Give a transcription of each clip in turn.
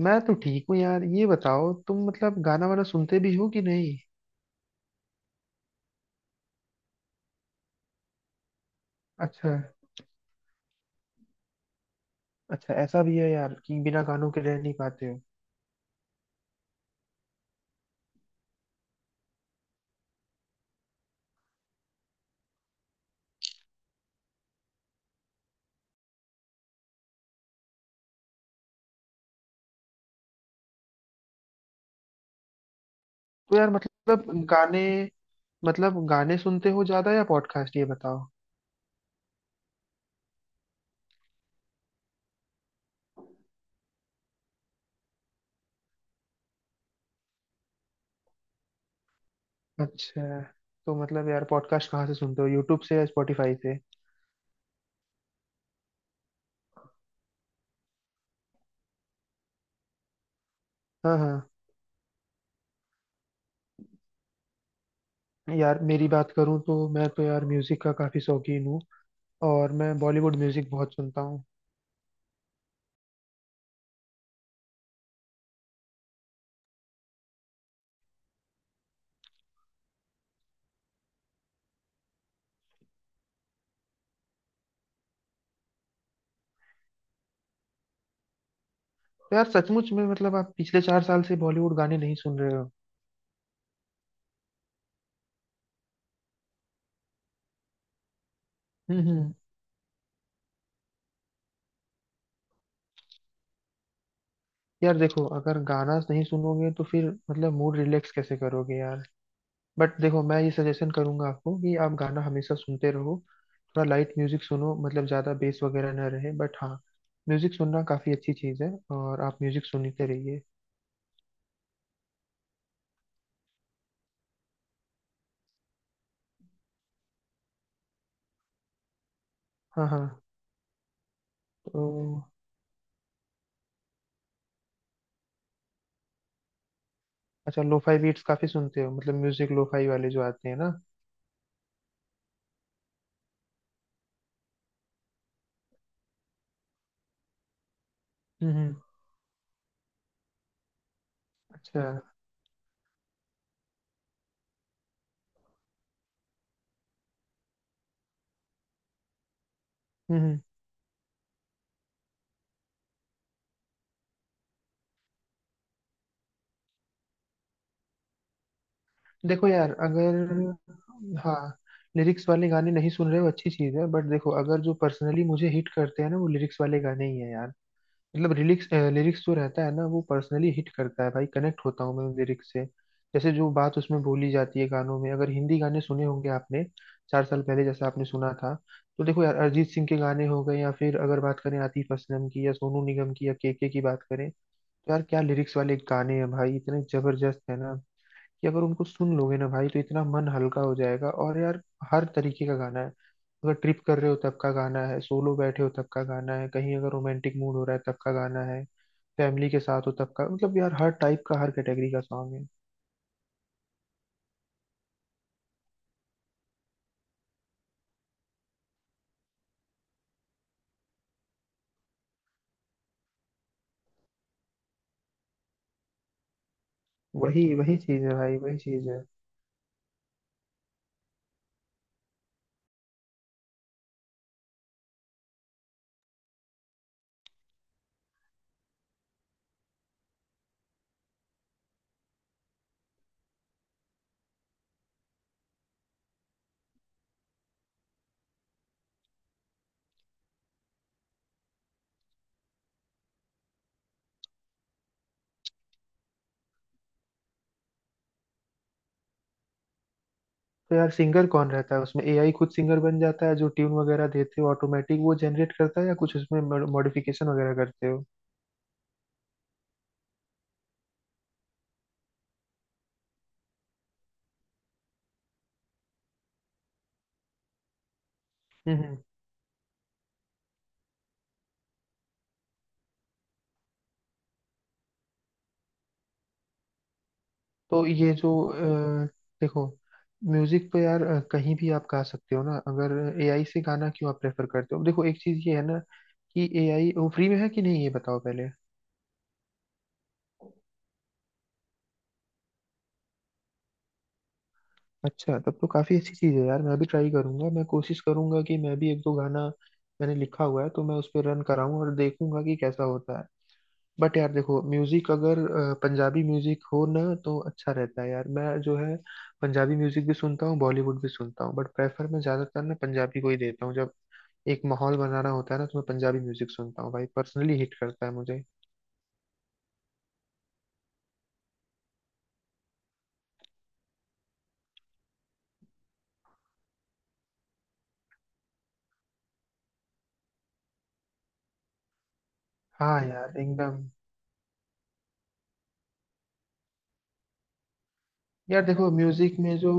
मैं तो ठीक हूँ यार। ये बताओ तुम मतलब गाना वाना सुनते भी हो कि नहीं। अच्छा। अच्छा ऐसा भी है यार कि बिना गानों के रह नहीं पाते हो? तो यार मतलब गाने गाने सुनते हो ज्यादा या पॉडकास्ट, ये बताओ। अच्छा। तो मतलब यार पॉडकास्ट कहाँ से सुनते हो, यूट्यूब से या स्पॉटिफाई से? हाँ हाँ। यार मेरी बात करूँ तो मैं तो यार म्यूजिक का काफी शौकीन हूँ और मैं बॉलीवुड म्यूजिक बहुत सुनता हूँ। तो यार सचमुच में मतलब आप पिछले 4 साल से बॉलीवुड गाने नहीं सुन रहे हो? हम्म। यार देखो, अगर गाना नहीं सुनोगे तो फिर मतलब मूड रिलैक्स कैसे करोगे यार। बट देखो मैं ये सजेशन करूंगा आपको कि आप गाना हमेशा सुनते रहो। थोड़ा लाइट म्यूजिक सुनो, मतलब ज्यादा बेस वगैरह ना रहे, बट हाँ, म्यूजिक सुनना काफी अच्छी चीज है और आप म्यूजिक सुनते रहिए। हाँ हाँ। तो अच्छा लोफाई बीट्स काफी सुनते हो, मतलब म्यूजिक लोफाई वाले जो आते हैं ना। हम्म हम्म, अच्छा, हम्म। देखो यार अगर, हाँ, लिरिक्स वाले गाने नहीं सुन रहे हो अच्छी चीज है, बट देखो अगर जो पर्सनली मुझे हिट करते हैं ना वो लिरिक्स वाले गाने ही है यार। मतलब लिरिक्स लिरिक्स जो रहता है ना वो पर्सनली हिट करता है भाई, कनेक्ट होता हूँ मैं उन लिरिक्स से। जैसे जो बात उसमें बोली जाती है गानों में, अगर हिंदी गाने सुने होंगे आपने 4 साल पहले जैसा आपने सुना था। तो देखो यार अरिजीत सिंह के गाने हो गए या फिर अगर बात करें आतिफ असलम की या सोनू निगम की या केके की बात करें, तो यार क्या लिरिक्स वाले गाने हैं भाई, इतने जबरदस्त है ना कि अगर उनको सुन लोगे ना भाई तो इतना मन हल्का हो जाएगा। और यार हर तरीके का गाना है। अगर ट्रिप कर रहे हो तब का गाना है, सोलो बैठे हो तब का गाना है, कहीं अगर रोमांटिक मूड हो रहा है तब का गाना है, फैमिली के साथ हो तब का, मतलब यार हर टाइप का, हर कैटेगरी का सॉन्ग है। वही वही चीज है भाई, वही चीज है। तो यार सिंगर कौन रहता है उसमें, एआई खुद सिंगर बन जाता है? जो ट्यून वगैरह देते हो ऑटोमेटिक वो जनरेट करता है या कुछ उसमें मॉडिफिकेशन वगैरह करते हो? हम्म। तो ये जो अ, देखो, म्यूजिक तो यार कहीं भी आप गा सकते हो ना, अगर एआई से गाना क्यों आप प्रेफर करते हो? देखो एक चीज ये है ना कि एआई वो फ्री में है कि नहीं ये बताओ पहले। अच्छा, तब तो काफी अच्छी चीज है यार, मैं भी ट्राई करूंगा। मैं कोशिश करूंगा कि मैं भी एक दो गाना मैंने लिखा हुआ है तो मैं उस पर रन कराऊं और देखूंगा कि कैसा होता है। बट यार देखो म्यूजिक अगर पंजाबी म्यूजिक हो ना तो अच्छा रहता है यार। मैं जो है पंजाबी म्यूजिक भी सुनता हूँ, बॉलीवुड भी सुनता हूँ, बट प्रेफर मैं ज्यादातर ना पंजाबी को ही देता हूँ। जब एक माहौल बनाना होता है ना तो मैं पंजाबी म्यूजिक सुनता हूँ भाई, पर्सनली हिट करता है मुझे। हाँ यार एकदम। यार देखो म्यूजिक में जो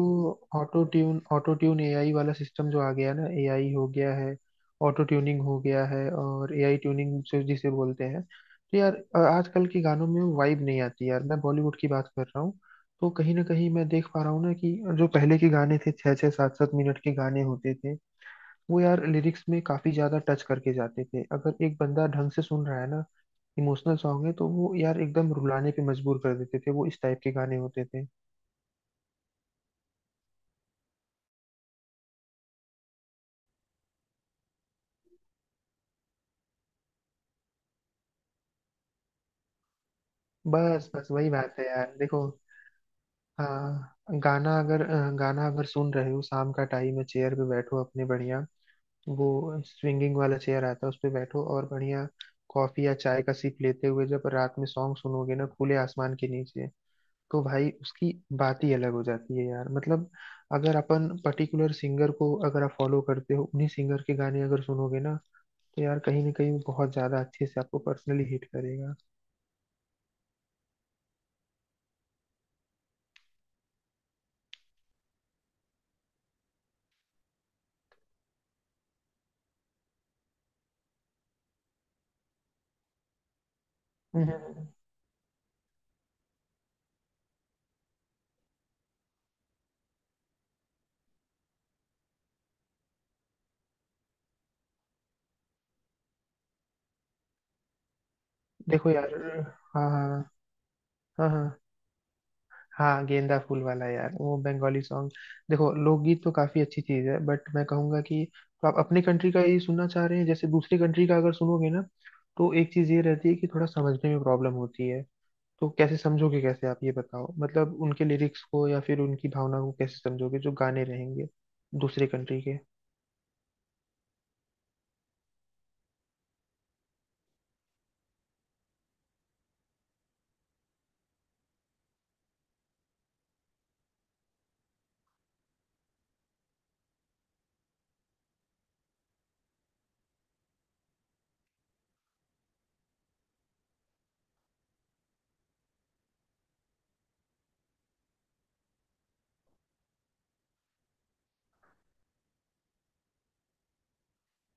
ऑटो ट्यून एआई वाला सिस्टम जो आ गया ना, एआई हो गया है, ऑटो ट्यूनिंग हो गया है और एआई ट्यूनिंग जो जिसे बोलते हैं, तो यार आजकल के गानों में वो वाइब नहीं आती यार, मैं बॉलीवुड की बात कर रहा हूँ। तो कहीं ना कहीं मैं देख पा रहा हूँ ना कि जो पहले के गाने थे छः छः सात सात मिनट के गाने होते थे, वो यार लिरिक्स में काफी ज्यादा टच करके जाते थे। अगर एक बंदा ढंग से सुन रहा है ना, इमोशनल सॉन्ग है, तो वो यार एकदम रुलाने पे मजबूर कर देते थे, वो इस टाइप के गाने होते थे। बस बस वही बात है यार। देखो, हाँ, गाना अगर सुन रहे हो शाम का टाइम में चेयर पे बैठो अपने, बढ़िया वो स्विंगिंग वाला चेयर आता है उस पे बैठो, और बढ़िया कॉफी या चाय का सिप लेते हुए जब रात में सॉन्ग सुनोगे ना खुले आसमान के नीचे, तो भाई उसकी बात ही अलग हो जाती है यार। मतलब अगर अपन पर्टिकुलर सिंगर को अगर आप फॉलो करते हो, उन्हीं सिंगर के गाने अगर सुनोगे ना तो यार कहीं ना कहीं वो बहुत ज्यादा अच्छे से आपको पर्सनली हिट करेगा। हम्म, देखो यार, हाँ हाँ हाँ। हाँ हाँ, हाँ गेंदा फूल वाला यार वो बंगाली सॉन्ग। देखो लोकगीत तो काफी अच्छी चीज है बट मैं कहूंगा कि तो आप अपनी कंट्री का ही सुनना चाह रहे हैं। जैसे दूसरी कंट्री का अगर सुनोगे ना तो एक चीज ये रहती है कि थोड़ा समझने में प्रॉब्लम होती है। तो कैसे समझोगे, कैसे आप ये बताओ मतलब उनके लिरिक्स को या फिर उनकी भावना को कैसे समझोगे जो गाने रहेंगे दूसरे कंट्री के।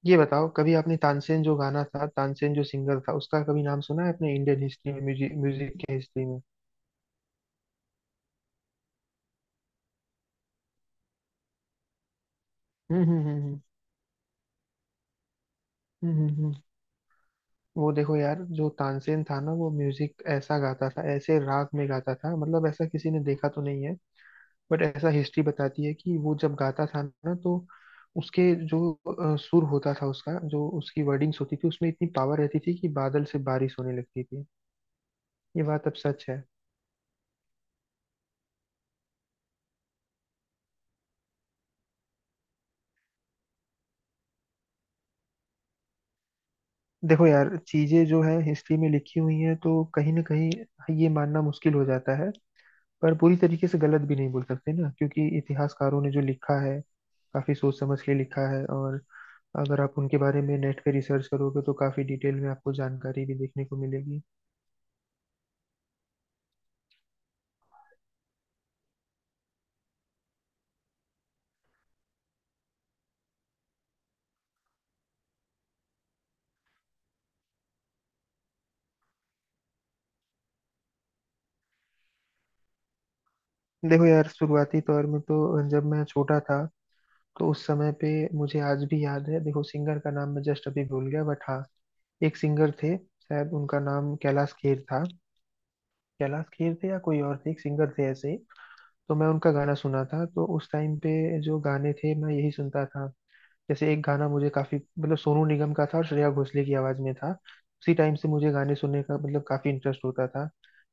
ये बताओ, कभी आपने तानसेन जो गाना था, तानसेन जो सिंगर था उसका कभी नाम सुना है अपने इंडियन हिस्ट्री में, म्यूजिक म्यूजिक के हिस्ट्री में? हम्म। हम्म हम्म हम्म, वो देखो यार जो तानसेन था ना वो म्यूजिक ऐसा गाता था ऐसे राग में गाता था, मतलब ऐसा किसी ने देखा तो नहीं है बट ऐसा हिस्ट्री बताती है कि वो जब गाता था ना तो उसके जो सुर होता था उसका, जो उसकी वर्डिंग्स होती थी उसमें इतनी पावर रहती थी कि बादल से बारिश होने लगती थी। ये बात अब सच है। देखो यार चीजें जो है हिस्ट्री में लिखी हुई हैं तो कहीं ना कहीं ये मानना मुश्किल हो जाता है, पर पूरी तरीके से गलत भी नहीं बोल सकते ना क्योंकि इतिहासकारों ने जो लिखा है काफी सोच समझ के लिखा है। और अगर आप उनके बारे में नेट पे रिसर्च करोगे तो काफी डिटेल में आपको जानकारी भी देखने को मिलेगी। देखो यार शुरुआती तौर में तो जब मैं छोटा था तो उस समय पे मुझे आज भी याद है, देखो सिंगर का नाम मैं जस्ट अभी भूल गया बट हाँ, एक सिंगर थे शायद उनका नाम कैलाश खेर था। कैलाश खेर थे या कोई और थे, एक सिंगर थे ऐसे ही। तो मैं उनका गाना सुना था तो उस टाइम पे जो गाने थे मैं यही सुनता था। जैसे एक गाना मुझे काफी मतलब सोनू निगम का था और श्रेया घोषाल की आवाज में था। उसी टाइम से मुझे गाने सुनने का मतलब काफी इंटरेस्ट होता था।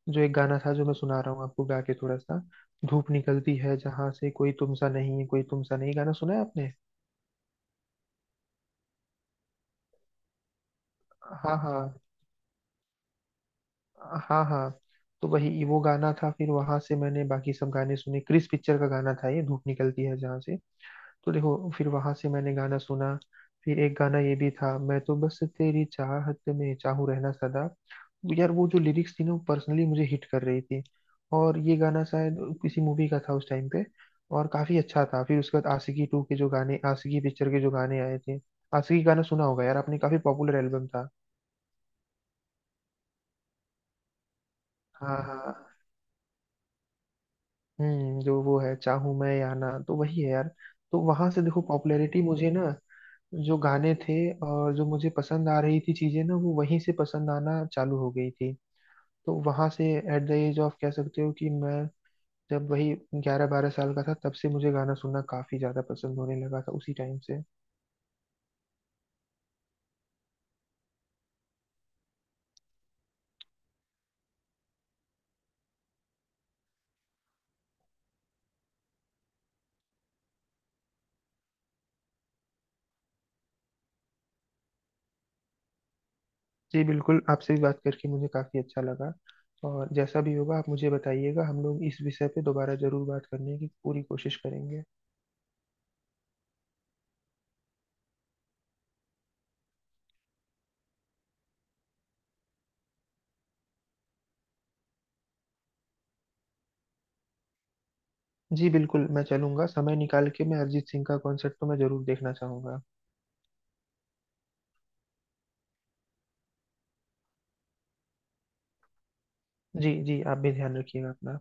जो एक गाना था जो मैं सुना रहा हूँ आपको गा के थोड़ा सा, धूप निकलती है जहां से, कोई तुमसा नहीं है, कोई तुमसा नहीं, गाना सुना है आपने? हाँ हाँ। हाँ हाँ। तो वही वो गाना था, फिर वहां से मैंने बाकी सब गाने सुने। क्रिस पिक्चर का गाना था ये धूप निकलती है जहां से। तो देखो फिर वहां से मैंने गाना सुना, फिर एक गाना ये भी था, मैं तो बस तेरी चाहत में चाहूँ रहना सदा, वो यार वो जो लिरिक्स थी ना वो पर्सनली मुझे हिट कर रही थी। और ये गाना शायद किसी मूवी का था उस टाइम पे, और काफी अच्छा था। फिर उसके बाद आशिकी टू के जो गाने, आशिकी पिक्चर के जो गाने आए थे, आशिकी गाना सुना होगा यार आपने, काफी पॉपुलर एल्बम था। हाँ हाँ। हम्म, जो वो है चाहूं मैं या ना, तो वही है यार। तो वहां से देखो पॉपुलैरिटी मुझे ना, जो गाने थे और जो मुझे पसंद आ रही थी चीजें ना, वो वहीं से पसंद आना चालू हो गई थी। तो वहां से एट द एज ऑफ कह सकते हो कि मैं, जब वही 11-12 साल का था, तब से मुझे गाना सुनना काफी ज्यादा पसंद होने लगा था उसी टाइम से। जी बिल्कुल, आपसे भी बात करके मुझे काफी अच्छा लगा और जैसा भी होगा आप मुझे बताइएगा, हम लोग इस विषय पे दोबारा जरूर बात करने की पूरी कोशिश करेंगे। जी बिल्कुल मैं चलूंगा, समय निकाल के मैं अरिजीत सिंह का कॉन्सर्ट तो मैं जरूर देखना चाहूंगा। जी जी आप भी ध्यान रखिएगा अपना।